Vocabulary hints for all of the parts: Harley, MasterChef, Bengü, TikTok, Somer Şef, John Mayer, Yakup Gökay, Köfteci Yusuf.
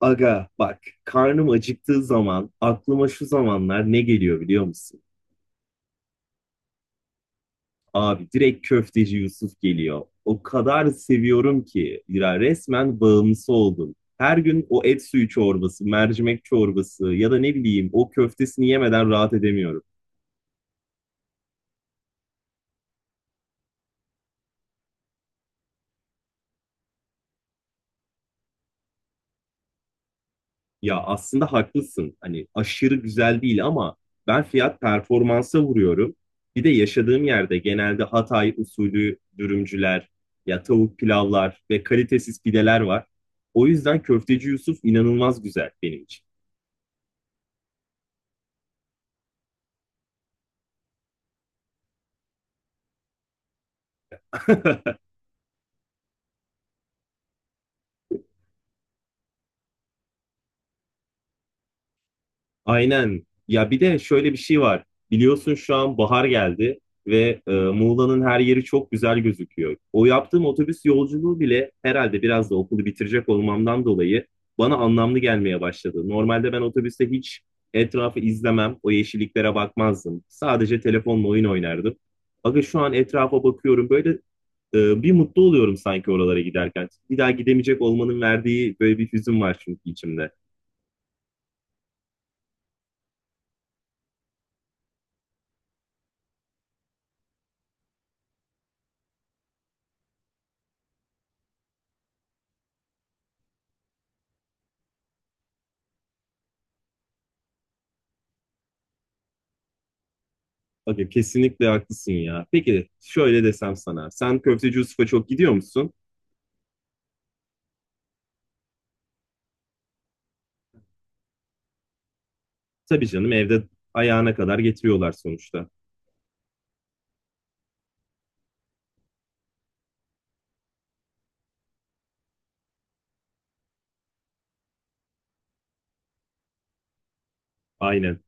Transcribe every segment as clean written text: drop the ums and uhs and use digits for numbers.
Aga bak karnım acıktığı zaman aklıma şu zamanlar ne geliyor biliyor musun? Abi direkt köfteci Yusuf geliyor. O kadar seviyorum ki ya resmen bağımlısı oldum. Her gün o et suyu çorbası, mercimek çorbası ya da ne bileyim o köftesini yemeden rahat edemiyorum. Ya aslında haklısın. Hani aşırı güzel değil ama ben fiyat performansa vuruyorum. Bir de yaşadığım yerde genelde Hatay usulü dürümcüler, ya tavuk pilavlar ve kalitesiz pideler var. O yüzden Köfteci Yusuf inanılmaz güzel benim için. Aynen. Ya bir de şöyle bir şey var. Biliyorsun şu an bahar geldi ve Muğla'nın her yeri çok güzel gözüküyor. O yaptığım otobüs yolculuğu bile herhalde biraz da okulu bitirecek olmamdan dolayı bana anlamlı gelmeye başladı. Normalde ben otobüste hiç etrafı izlemem, o yeşilliklere bakmazdım. Sadece telefonla oyun oynardım. Aga şu an etrafa bakıyorum böyle bir mutlu oluyorum sanki oralara giderken. Bir daha gidemeyecek olmanın verdiği böyle bir hüzün var çünkü içimde. Aga kesinlikle haklısın ya. Peki şöyle desem sana. Sen Köfteci Yusuf'a çok gidiyor musun? Tabii canım evde ayağına kadar getiriyorlar sonuçta. Aynen.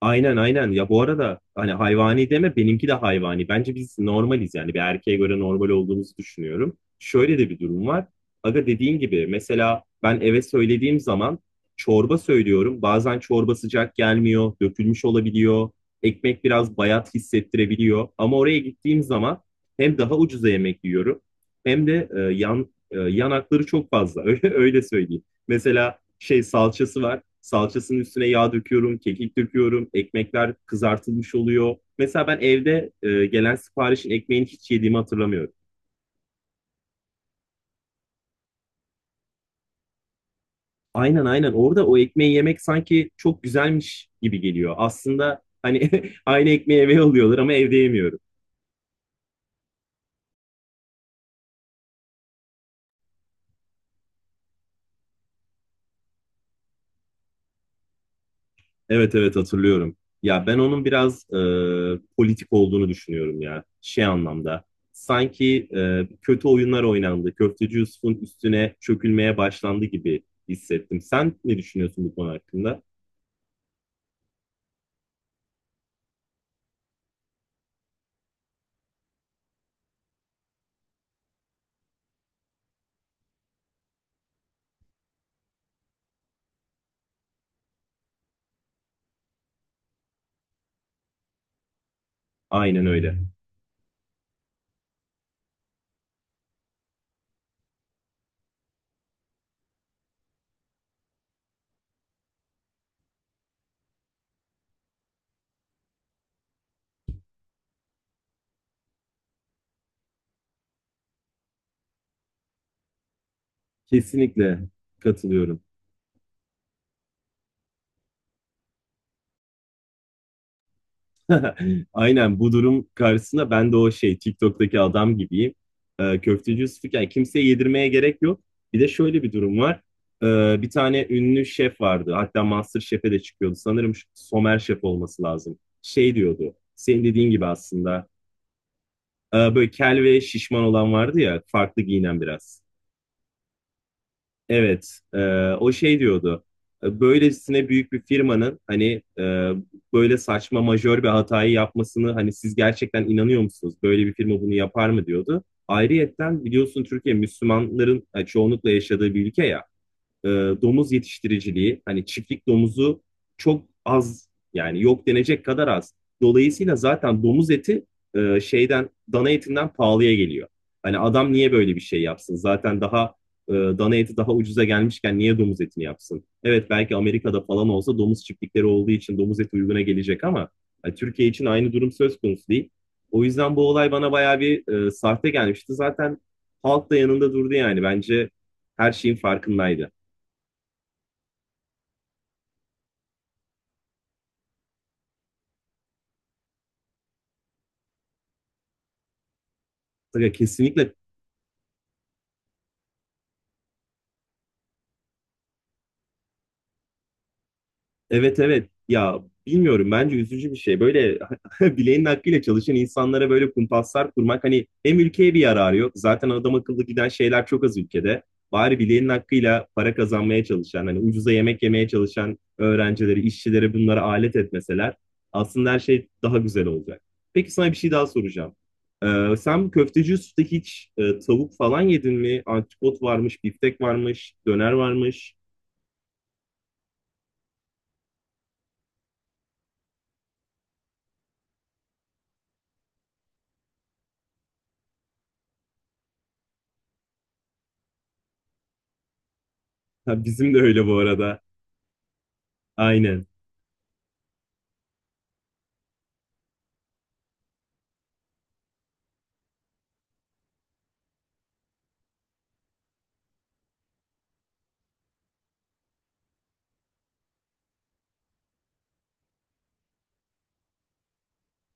Aynen aynen ya bu arada hani hayvani deme benimki de hayvani. Bence biz normaliz yani bir erkeğe göre normal olduğumuzu düşünüyorum. Şöyle de bir durum var. Aga dediğin gibi mesela ben eve söylediğim zaman çorba söylüyorum. Bazen çorba sıcak gelmiyor, dökülmüş olabiliyor. Ekmek biraz bayat hissettirebiliyor. Ama oraya gittiğim zaman hem daha ucuza yemek yiyorum hem de yanakları çok fazla öyle, öyle söyleyeyim. Mesela şey salçası var. Salçasının üstüne yağ döküyorum, kekik döküyorum, ekmekler kızartılmış oluyor. Mesela ben evde gelen siparişin ekmeğini hiç yediğimi hatırlamıyorum. Aynen aynen orada o ekmeği yemek sanki çok güzelmiş gibi geliyor. Aslında hani aynı ekmeği eve alıyorlar ama evde yemiyorum. Evet evet hatırlıyorum. Ya ben onun biraz politik olduğunu düşünüyorum ya. Şey anlamda. Sanki kötü oyunlar oynandı. Köfteci Yusuf'un üstüne çökülmeye başlandı gibi hissettim. Sen ne düşünüyorsun bu konu hakkında? Aynen öyle. Kesinlikle katılıyorum. Aynen bu durum karşısında ben de o şey TikTok'taki adam gibiyim. Köfteci Yusuf'u yani kimseye yedirmeye gerek yok. Bir de şöyle bir durum var. Bir tane ünlü şef vardı. Hatta MasterChef'e de çıkıyordu. Sanırım Somer Şef olması lazım. Şey diyordu. Senin dediğin gibi aslında. Böyle kel ve şişman olan vardı ya. Farklı giyinen biraz. Evet, o şey diyordu. Böylesine büyük bir firmanın hani böyle saçma majör bir hatayı yapmasını hani siz gerçekten inanıyor musunuz? Böyle bir firma bunu yapar mı diyordu. Ayrıyetten biliyorsun Türkiye Müslümanların çoğunlukla yaşadığı bir ülke ya e, domuz yetiştiriciliği hani çiftlik domuzu çok az yani yok denecek kadar az. Dolayısıyla zaten domuz eti e, şeyden dana etinden pahalıya geliyor. Hani adam niye böyle bir şey yapsın? Zaten daha dana eti daha ucuza gelmişken niye domuz etini yapsın? Evet belki Amerika'da falan olsa domuz çiftlikleri olduğu için domuz eti uyguna gelecek ama hani Türkiye için aynı durum söz konusu değil. O yüzden bu olay bana bayağı bir sahte gelmişti. Zaten halk da yanında durdu yani. Bence her şeyin farkındaydı. Ya kesinlikle evet evet ya bilmiyorum bence üzücü bir şey. Böyle bileğinin hakkıyla çalışan insanlara böyle kumpaslar kurmak hani hem ülkeye bir yararı yok. Zaten adam akıllı giden şeyler çok az ülkede. Bari bileğinin hakkıyla para kazanmaya çalışan hani ucuza yemek yemeye çalışan öğrencileri, işçileri bunlara alet etmeseler aslında her şey daha güzel olacak. Peki sana bir şey daha soracağım. Sen köfteci usta hiç tavuk falan yedin mi? Antrikot varmış, biftek varmış, döner varmış. Ha, bizim de öyle bu arada. Aynen.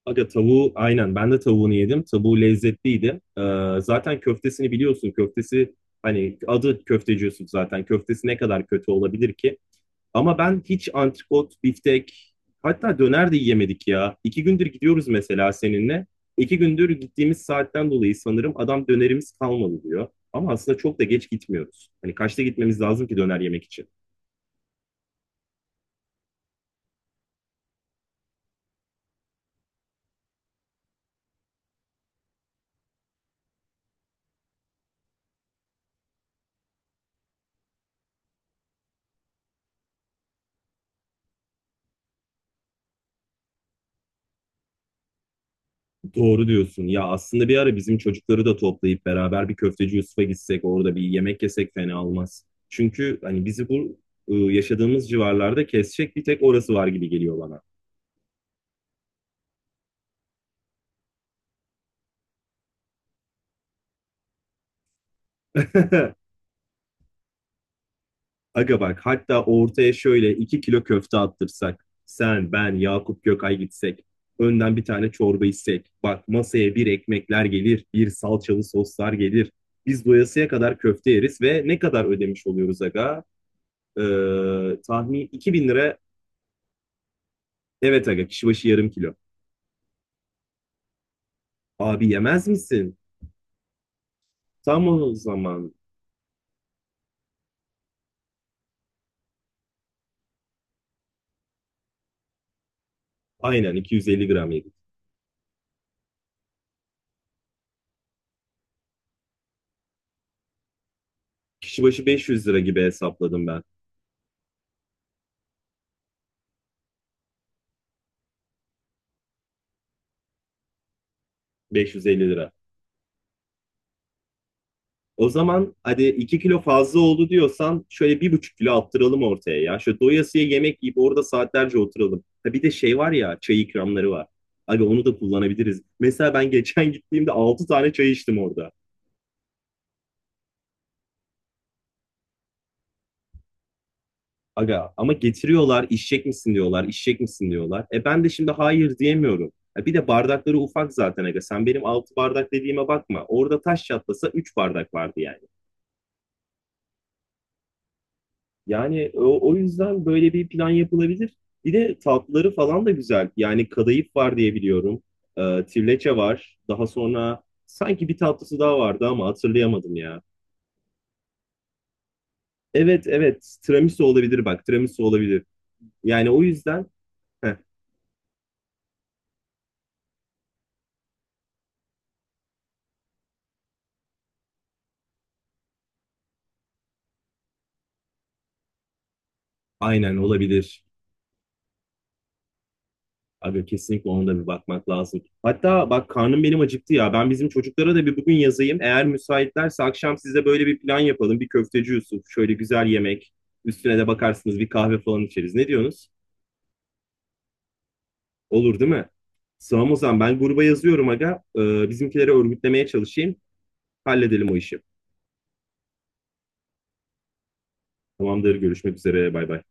Aga tavuğu aynen ben de tavuğunu yedim. Tavuğu lezzetliydi. Zaten köftesini biliyorsun. Köftesi hani adı Köfteci Yusuf zaten. Köftesi ne kadar kötü olabilir ki? Ama ben hiç antrikot, biftek hatta döner de yiyemedik ya. 2 gündür gidiyoruz mesela seninle. 2 gündür gittiğimiz saatten dolayı sanırım adam dönerimiz kalmadı diyor. Ama aslında çok da geç gitmiyoruz. Hani kaçta gitmemiz lazım ki döner yemek için? Doğru diyorsun. Ya aslında bir ara bizim çocukları da toplayıp beraber bir Köfteci Yusuf'a gitsek, orada bir yemek yesek fena olmaz. Çünkü hani bizi bu yaşadığımız civarlarda kesecek bir tek orası var gibi geliyor bana. Aga bak hatta ortaya şöyle 2 kilo köfte attırsak. Sen, ben, Yakup Gökay gitsek. Önden bir tane çorba içsek. Bak masaya bir ekmekler gelir, bir salçalı soslar gelir. Biz doyasıya kadar köfte yeriz ve ne kadar ödemiş oluyoruz aga? Ee, tahmin 2.000 lira. Evet aga kişi başı yarım kilo. Abi yemez misin? Tam o zaman. Aynen 250 gram yedik. Kişi başı 500 lira gibi hesapladım ben. 550 lira. O zaman hadi 2 kilo fazla oldu diyorsan şöyle 1,5 kilo attıralım ortaya ya. Şöyle doyasıya yemek yiyip orada saatlerce oturalım. Ha bir de şey var ya çay ikramları var. Abi onu da kullanabiliriz. Mesela ben geçen gittiğimde 6 tane çay içtim orada. Aga ama getiriyorlar içecek misin diyorlar, içecek misin diyorlar. Ben de şimdi hayır diyemiyorum. Bir de bardakları ufak zaten aga. Sen benim 6 bardak dediğime bakma. Orada taş çatlasa 3 bardak vardı yani. Yani o yüzden böyle bir plan yapılabilir. Bir de tatlıları falan da güzel. Yani kadayıf var diye biliyorum. Tirleçe var. Daha sonra sanki bir tatlısı daha vardı ama hatırlayamadım ya. Evet evet tiramisu olabilir bak tiramisu olabilir. Yani o yüzden heh, aynen olabilir. Aga kesinlikle ona da bir bakmak lazım. Hatta bak karnım benim acıktı ya. Ben bizim çocuklara da bir bugün yazayım. Eğer müsaitlerse akşam size böyle bir plan yapalım. Bir Köfteci Yusuf, şöyle güzel yemek. Üstüne de bakarsınız bir kahve falan içeriz. Ne diyorsunuz? Olur değil mi? Sağım o zaman ben gruba yazıyorum aga. Bizimkileri örgütlemeye çalışayım. Halledelim o işi. Tamamdır görüşmek üzere bay bay.